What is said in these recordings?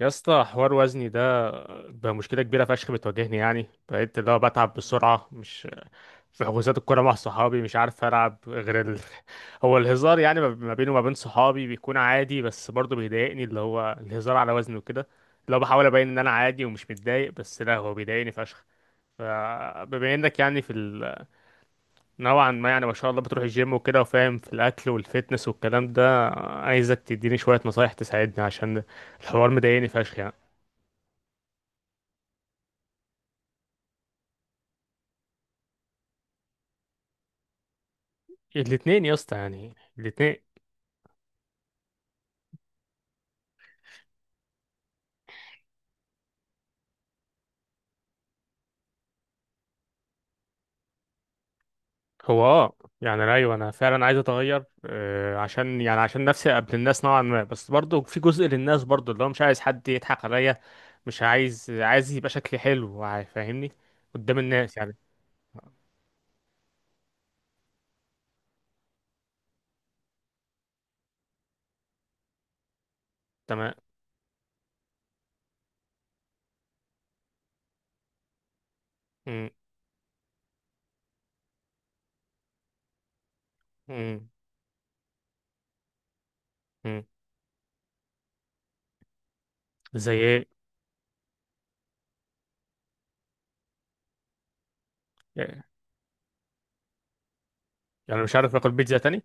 يا اسطى، حوار وزني ده بقى مشكله كبيره فشخ بتواجهني. يعني بقيت اللي هو بتعب بسرعه، مش في حجوزات الكوره مع صحابي، مش عارف العب غير هو الهزار يعني ما بيني وما بين صحابي بيكون عادي، بس برضه بيضايقني اللي هو الهزار على وزني وكده. اللي هو بحاول ابين ان انا عادي ومش متضايق، بس لا، هو بيضايقني فشخ. فبما انك يعني نوعا ما، يعني ما شاء الله، بتروح الجيم وكده، وفاهم في الاكل والفتنس والكلام ده، عايزك تديني شويه نصايح تساعدني عشان الحوار مضايقني فشخ يعني. الاتنين يا اسطى، يعني الاتنين. هو اه يعني ايوه، انا فعلا عايز اتغير، عشان يعني عشان نفسي قبل الناس نوعا ما، بس برضو في جزء للناس برضو اللي هو مش عايز حد يضحك عليا. مش عايز يبقى شكلي حلو فاهمني؟ قدام الناس يعني. تمام. م- م- م. زي ايه؟ يعني مش عارف اكل بيتزا تاني؟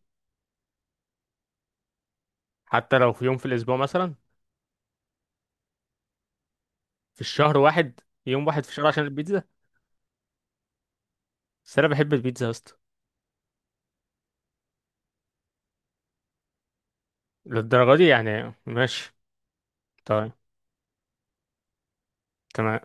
حتى لو في يوم في الاسبوع مثلا. في الشهر واحد، يوم واحد في الشهر عشان البيتزا، بس انا بحب البيتزا يا اسطى. للدرجه دي يعني؟ ماشي. طيب. تمام.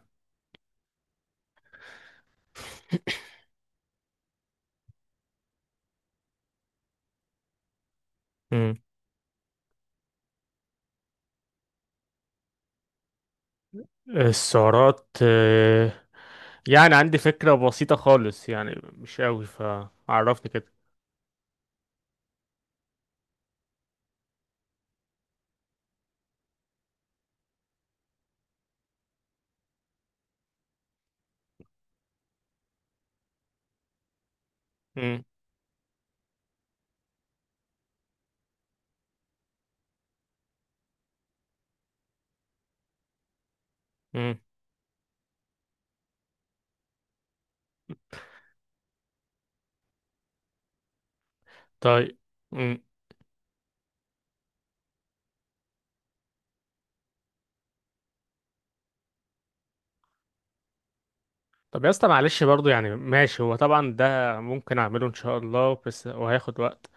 السعرات آه، يعني عندي فكرة بسيطة خالص يعني، مش قوي، فعرفني كده. امم. امم. طيب. امم. طب يا اسطى، معلش، برضو يعني ماشي، هو طبعا ده ممكن اعمله ان شاء الله بس وهياخد وقت.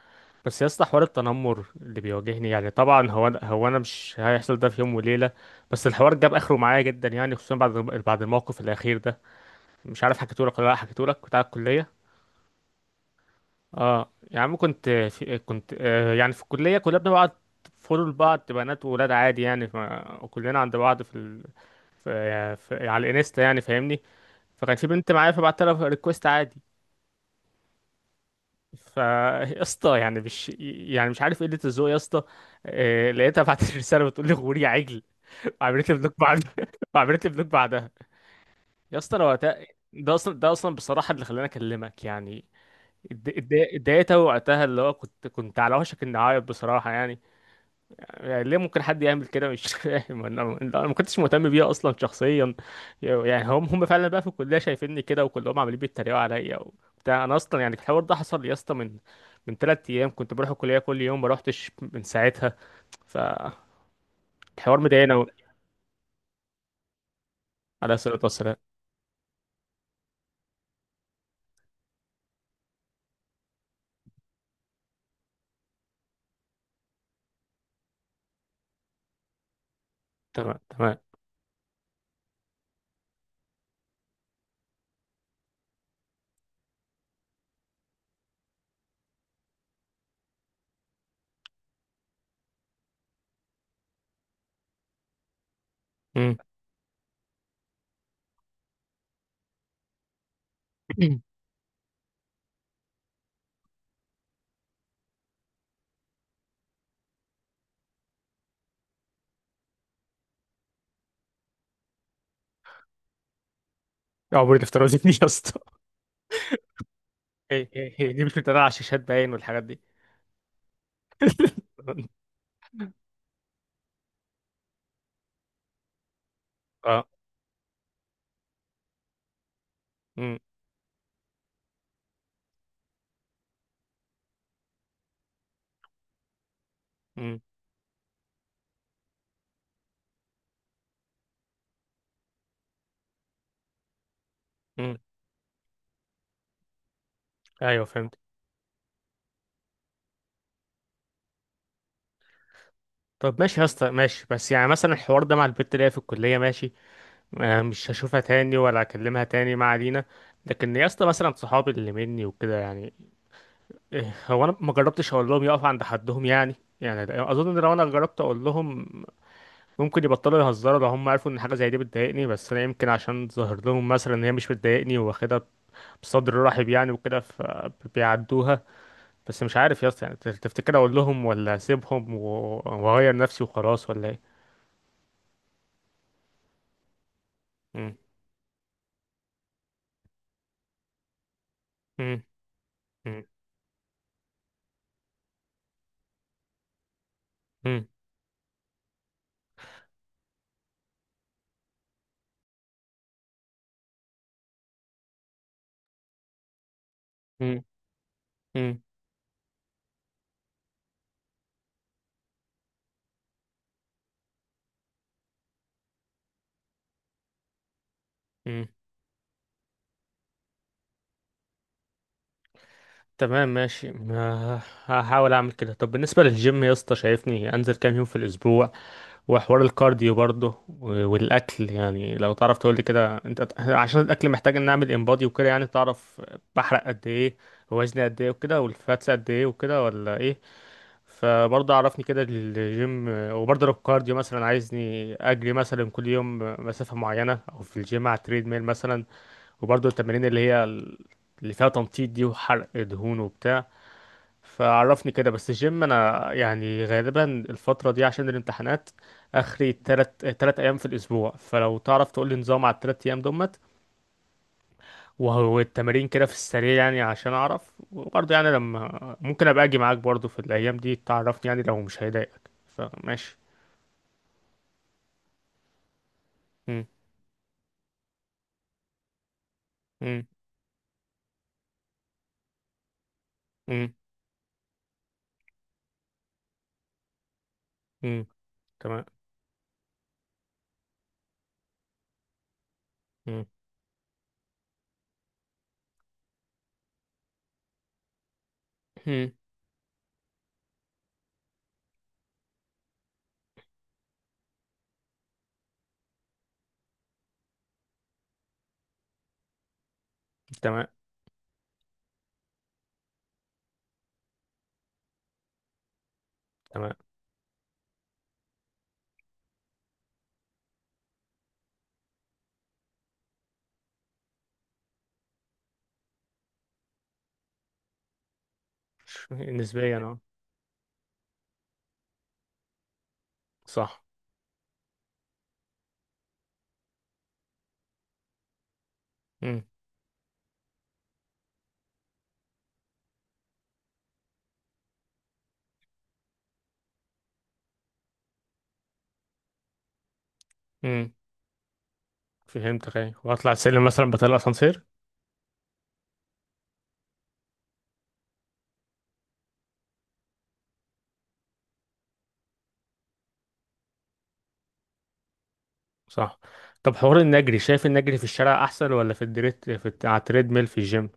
بس يا اسطى، حوار التنمر اللي بيواجهني، يعني طبعا هو انا مش هيحصل ده في يوم وليلة. بس الحوار جاب اخره معايا جدا، يعني خصوصا بعد الموقف الاخير ده. مش عارف حكيتهولك ولا لا حكيتهولك بتاع الكلية. اه يا عم، كنت في الكلية كلنا بنبعت فولو لبعض، بنات وولاد عادي يعني. وكلنا عند بعض في على الانستا يعني، فاهمني؟ فكان في بنت معايا، فبعت لها ريكوست عادي. فا يا اسطى، يعني مش عارف قلة الذوق يا اسطى. لقيتها بعت لي رسالة بتقول لي: غوري يا عجل، وعملت لي بلوك بعدها. وعملت لي بلوك بعدها. يا اسطى انا وقتها، ده اصلا بصراحة اللي خلاني اكلمك يعني. اتضايقت أوي وقتها، اللي هو كنت على وشك اني اعيط بصراحة يعني. يعني ليه ممكن حد يعمل كده؟ مش فاهم، انا ما كنتش مهتم بيها اصلا شخصيا. يعني هم فعلا بقى في الكليه شايفيني كده، وكلهم عمالين بيتريقوا عليا وبتاع. انا اصلا يعني الحوار ده حصل لي اصلا من 3 ايام، كنت بروح الكليه كل يوم، ما روحتش من ساعتها. فالحوار مضايقني قوي. على الصلاه والسلام. تمام. تمام. امم. عمري الافتراضي دي؟ يا اسطى! ايه ايه ايه، دي مش بتتريق على الشاشات باين والحاجات دي؟ اه. امم. امم. امم. ايوه، فهمت. طب ماشي يا اسطى، ماشي. بس يعني مثلا الحوار ده مع البت اللي هي في الكلية، ماشي، آه، مش هشوفها تاني ولا اكلمها تاني، ما علينا. لكن يا اسطى، مثلا صحابي اللي مني وكده يعني، إيه، هو انا ما جربتش اقول لهم يقفوا عند حدهم يعني. يعني اظن ان لو انا جربت اقول لهم، ممكن يبطلوا يهزروا لو هم عرفوا ان حاجة زي دي بتضايقني. بس انا يمكن عشان ظاهر لهم مثلا ان هي مش بتضايقني، واخدها بصدر رحب يعني وكده، فبيعدوها. بس مش عارف يا اسطى، يعني تفتكر اقول لهم ولا اسيبهم واغير نفسي وخلاص، ولا ايه؟ مم. مم. مم. مم. مم. مم. تمام. ماشي. هحاول اعمل كده. طب بالنسبه للجيم يا اسطى، شايفني انزل كام يوم في الاسبوع؟ وحوار الكارديو برضه والاكل، يعني لو تعرف تقول لي كده انت، عشان الاكل محتاج ان اعمل امبادي وكده، يعني تعرف بحرق قد ايه، وزني قد ايه وكده، والفاتس قد ايه وكده، ولا ايه؟ فبرضه عرفني كده الجيم. وبرضه لو الكارديو مثلا عايزني اجري مثلا كل يوم مسافه معينه، او في الجيم على التريد ميل مثلا. وبرضه التمارين اللي هي اللي فيها تنطيط دي، وحرق دهون وبتاع. فعرفني كده. بس الجيم انا يعني غالبا الفترة دي عشان الامتحانات اخري تلت ايام في الاسبوع، فلو تعرف تقول لي نظام على ال3 ايام دمت. وهو التمارين كده في السريع يعني عشان اعرف. وبرضه يعني لما ممكن ابقى اجي معاك برضه في الايام دي، تعرفني يعني، لو مش هيضايقك فماشي. مم. مم. مم. مم. تمام. مم. مم. تمام. تمام. نسبيا اه. صح. مم. مم. فهمتك. ايه، واطلع السلم مثلا، بطلع اسانسير. صح. طب حوار النجري، شايف النجري في الشارع احسن ولا في الدريت على التريد ميل في الجيم؟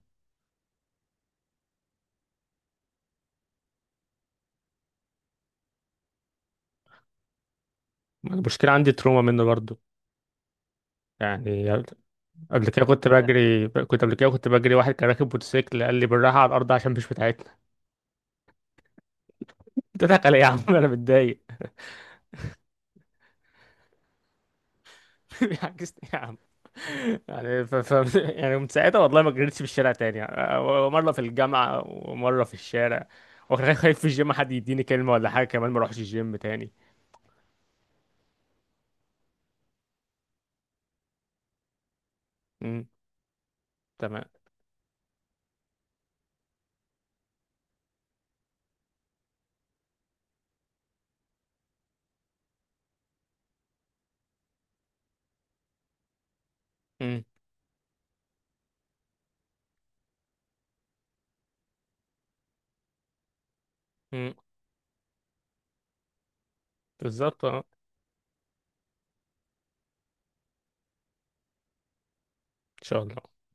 انا مشكله عندي تروما منه برضو يعني. قبل كده كنت بجري، واحد كان راكب موتوسيكل قال لي: بالراحه على الارض عشان مش بتاعتنا. بتضحك علي إيه يا عم؟ انا متضايق. عكست يا عم. يعني يعني من ساعتها والله ما جريتش في الشارع تاني يعني. مره في الجامعه ومره في الشارع. وخايف في الجيم حد يديني كلمه ولا حاجه كمان، ما اروحش الجيم تاني. امم. تمام. مم. مم. بالظبط اه. ان شاء الله.